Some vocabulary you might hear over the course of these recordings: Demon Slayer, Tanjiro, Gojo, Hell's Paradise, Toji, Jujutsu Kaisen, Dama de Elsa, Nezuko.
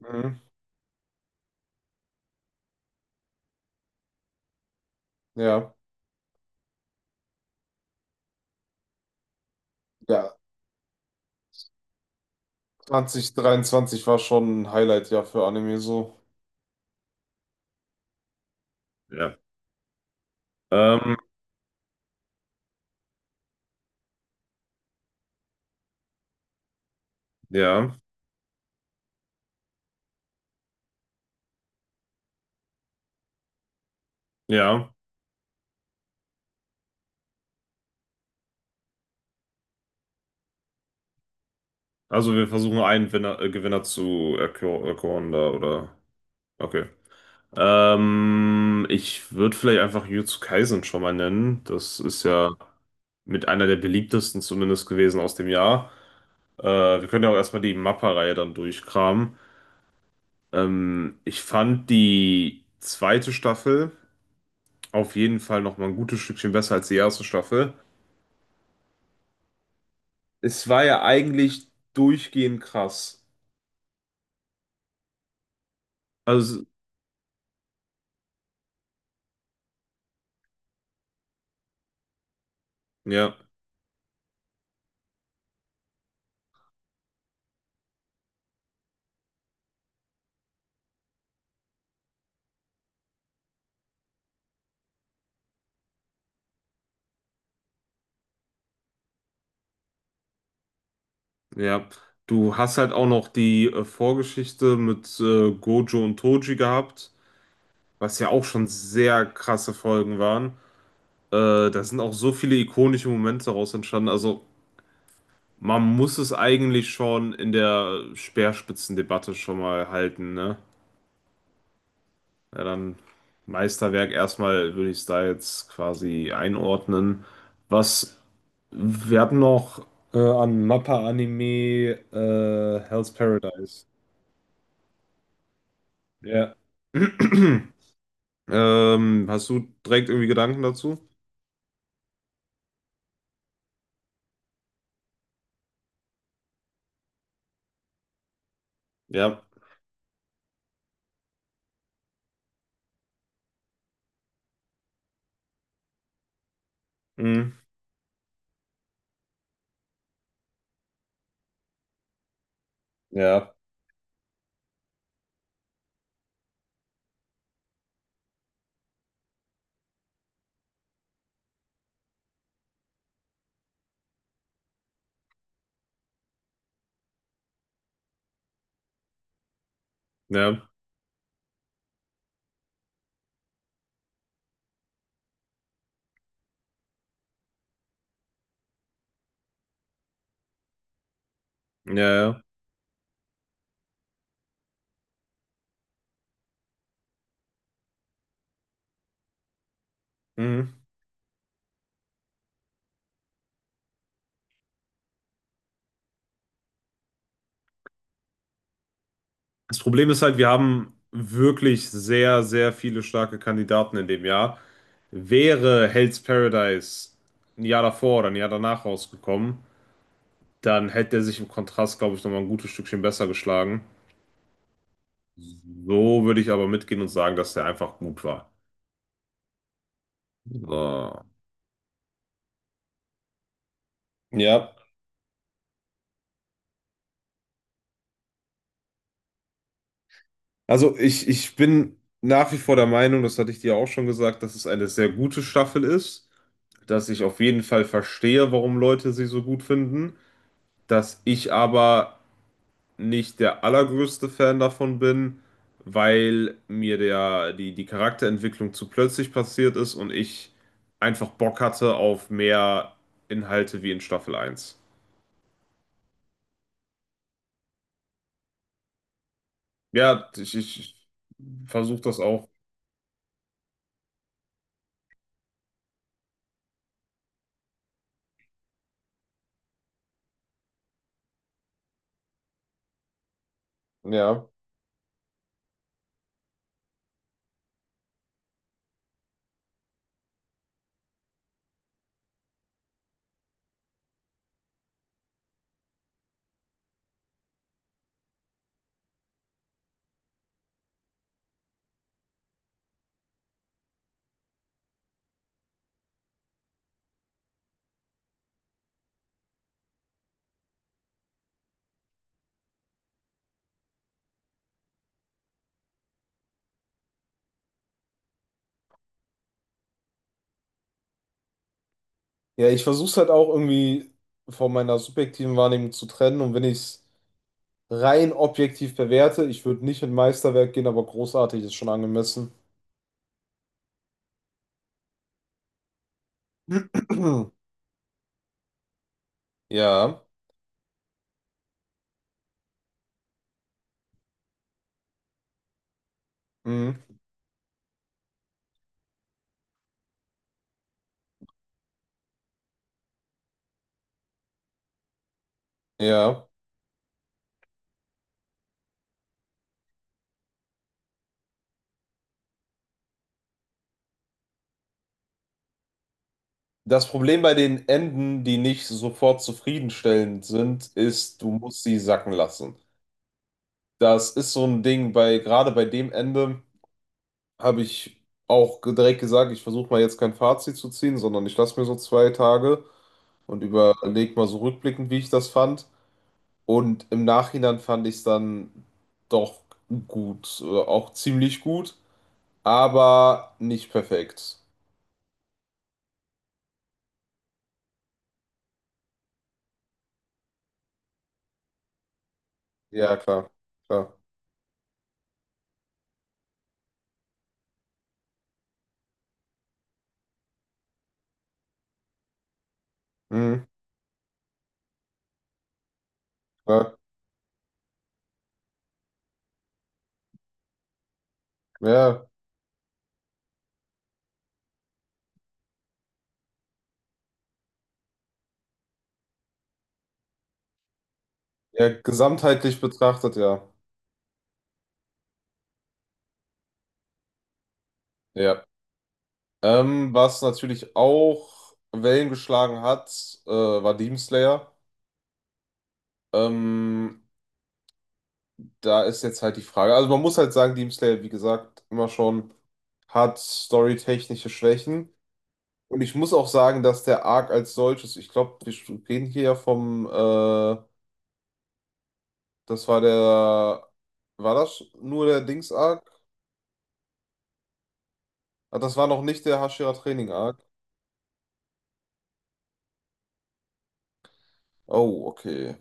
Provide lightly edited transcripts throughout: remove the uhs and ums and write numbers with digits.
Mhm. Ja, ja. 2023 war schon ein Highlight-Jahr für Anime so. Ja. Ähm, ja, ja. Also wir versuchen einen Winner, Gewinner zu erkoren da, oder? Okay. Ich würde vielleicht einfach Jujutsu Kaisen schon mal nennen. Das ist ja mit einer der beliebtesten zumindest gewesen aus dem Jahr. Wir können ja auch erstmal die Mappa-Reihe dann durchkramen. Ich fand die zweite Staffel auf jeden Fall nochmal ein gutes Stückchen besser als die erste Staffel. Es war ja eigentlich durchgehend krass. Also, ja, ja. Du hast halt auch noch die Vorgeschichte mit Gojo und Toji gehabt, was ja auch schon sehr krasse Folgen waren. Da sind auch so viele ikonische Momente daraus entstanden. Also, man muss es eigentlich schon in der Speerspitzendebatte schon mal halten, ne? Ja, dann Meisterwerk erstmal würde ich es da jetzt quasi einordnen. Was wir hatten noch an Mappa-Anime Hell's Paradise. Ja. Hast du direkt irgendwie Gedanken dazu? Ja. Mhm. Ja. Ja. Ja. Ja. Mhm. Das Problem ist halt, wir haben wirklich sehr, sehr viele starke Kandidaten in dem Jahr. Wäre Hell's Paradise ein Jahr davor oder ein Jahr danach rausgekommen, dann hätte er sich im Kontrast, glaube ich, nochmal ein gutes Stückchen besser geschlagen. So würde ich aber mitgehen und sagen, dass der einfach gut war. So. Ja, also ich bin nach wie vor der Meinung, das hatte ich dir auch schon gesagt, dass es eine sehr gute Staffel ist, dass ich auf jeden Fall verstehe, warum Leute sie so gut finden, dass ich aber nicht der allergrößte Fan davon bin, weil mir die Charakterentwicklung zu plötzlich passiert ist und ich einfach Bock hatte auf mehr Inhalte wie in Staffel eins. Ja, ich versuche das auch. Ja. Ja, ich versuche es halt auch irgendwie von meiner subjektiven Wahrnehmung zu trennen und wenn ich es rein objektiv bewerte, ich würde nicht in Meisterwerk gehen, aber großartig ist schon angemessen. Ja. Mhm. Ja. Das Problem bei den Enden, die nicht sofort zufriedenstellend sind, ist, du musst sie sacken lassen. Das ist so ein Ding bei, gerade bei dem Ende habe ich auch direkt gesagt, ich versuche mal jetzt kein Fazit zu ziehen, sondern ich lasse mir so zwei Tage und überlege mal so rückblickend, wie ich das fand. Und im Nachhinein fand ich es dann doch gut, auch ziemlich gut, aber nicht perfekt. Ja, klar. Mhm, klar. Ja. Ja, gesamtheitlich betrachtet, ja. Ja. Was natürlich auch Wellen geschlagen hat, war Demon Slayer. Ähm, da ist jetzt halt die Frage. Also man muss halt sagen, Demon Slayer, wie gesagt, immer schon hat storytechnische Schwächen. Und ich muss auch sagen, dass der Arc als solches, ich glaube, wir reden hier ja das war der, war das nur der Dings-Arc? Ah, das war noch nicht der Hashira Training-Arc. Oh, okay.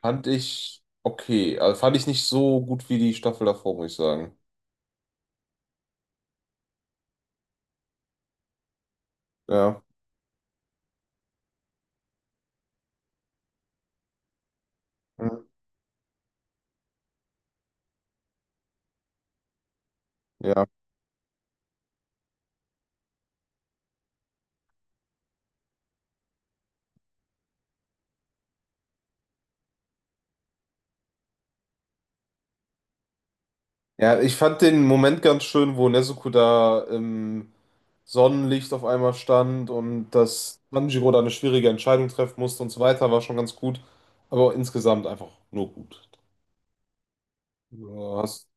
Fand ich okay. Also fand ich nicht so gut wie die Staffel davor, muss ich sagen. Ja. Mhm. Ja. Ja, ich fand den Moment ganz schön, wo Nezuko da im Sonnenlicht auf einmal stand und dass Tanjiro da eine schwierige Entscheidung treffen musste und so weiter, war schon ganz gut. Aber insgesamt einfach nur gut. Ja, hast,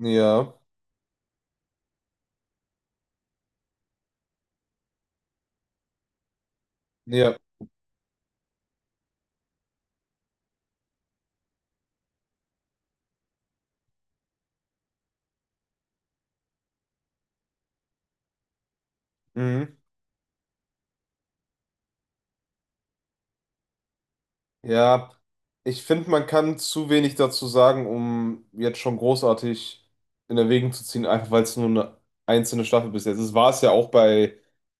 ja, ja. Mhm. Ja, ich finde, man kann zu wenig dazu sagen, um jetzt schon großartig in Erwägung zu ziehen, einfach weil es nur eine einzelne Staffel bis jetzt ist. War es ja auch bei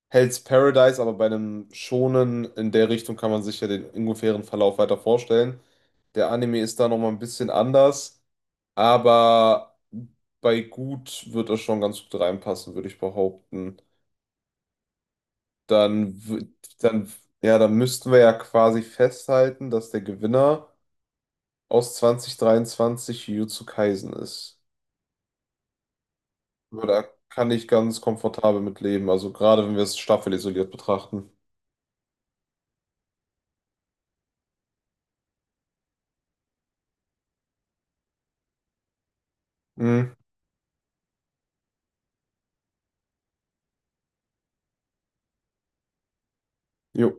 Hell's Paradise, aber bei einem Shonen in der Richtung kann man sich ja den ungefähren Verlauf weiter vorstellen. Der Anime ist da nochmal ein bisschen anders, aber bei gut wird es schon ganz gut reinpassen, würde ich behaupten. Dann, w- dann, ja, dann müssten wir ja quasi festhalten, dass der Gewinner aus 2023 Jujutsu Kaisen ist. Aber da kann ich ganz komfortabel mit leben, also gerade wenn wir es staffelisoliert betrachten. Mhm. Jo.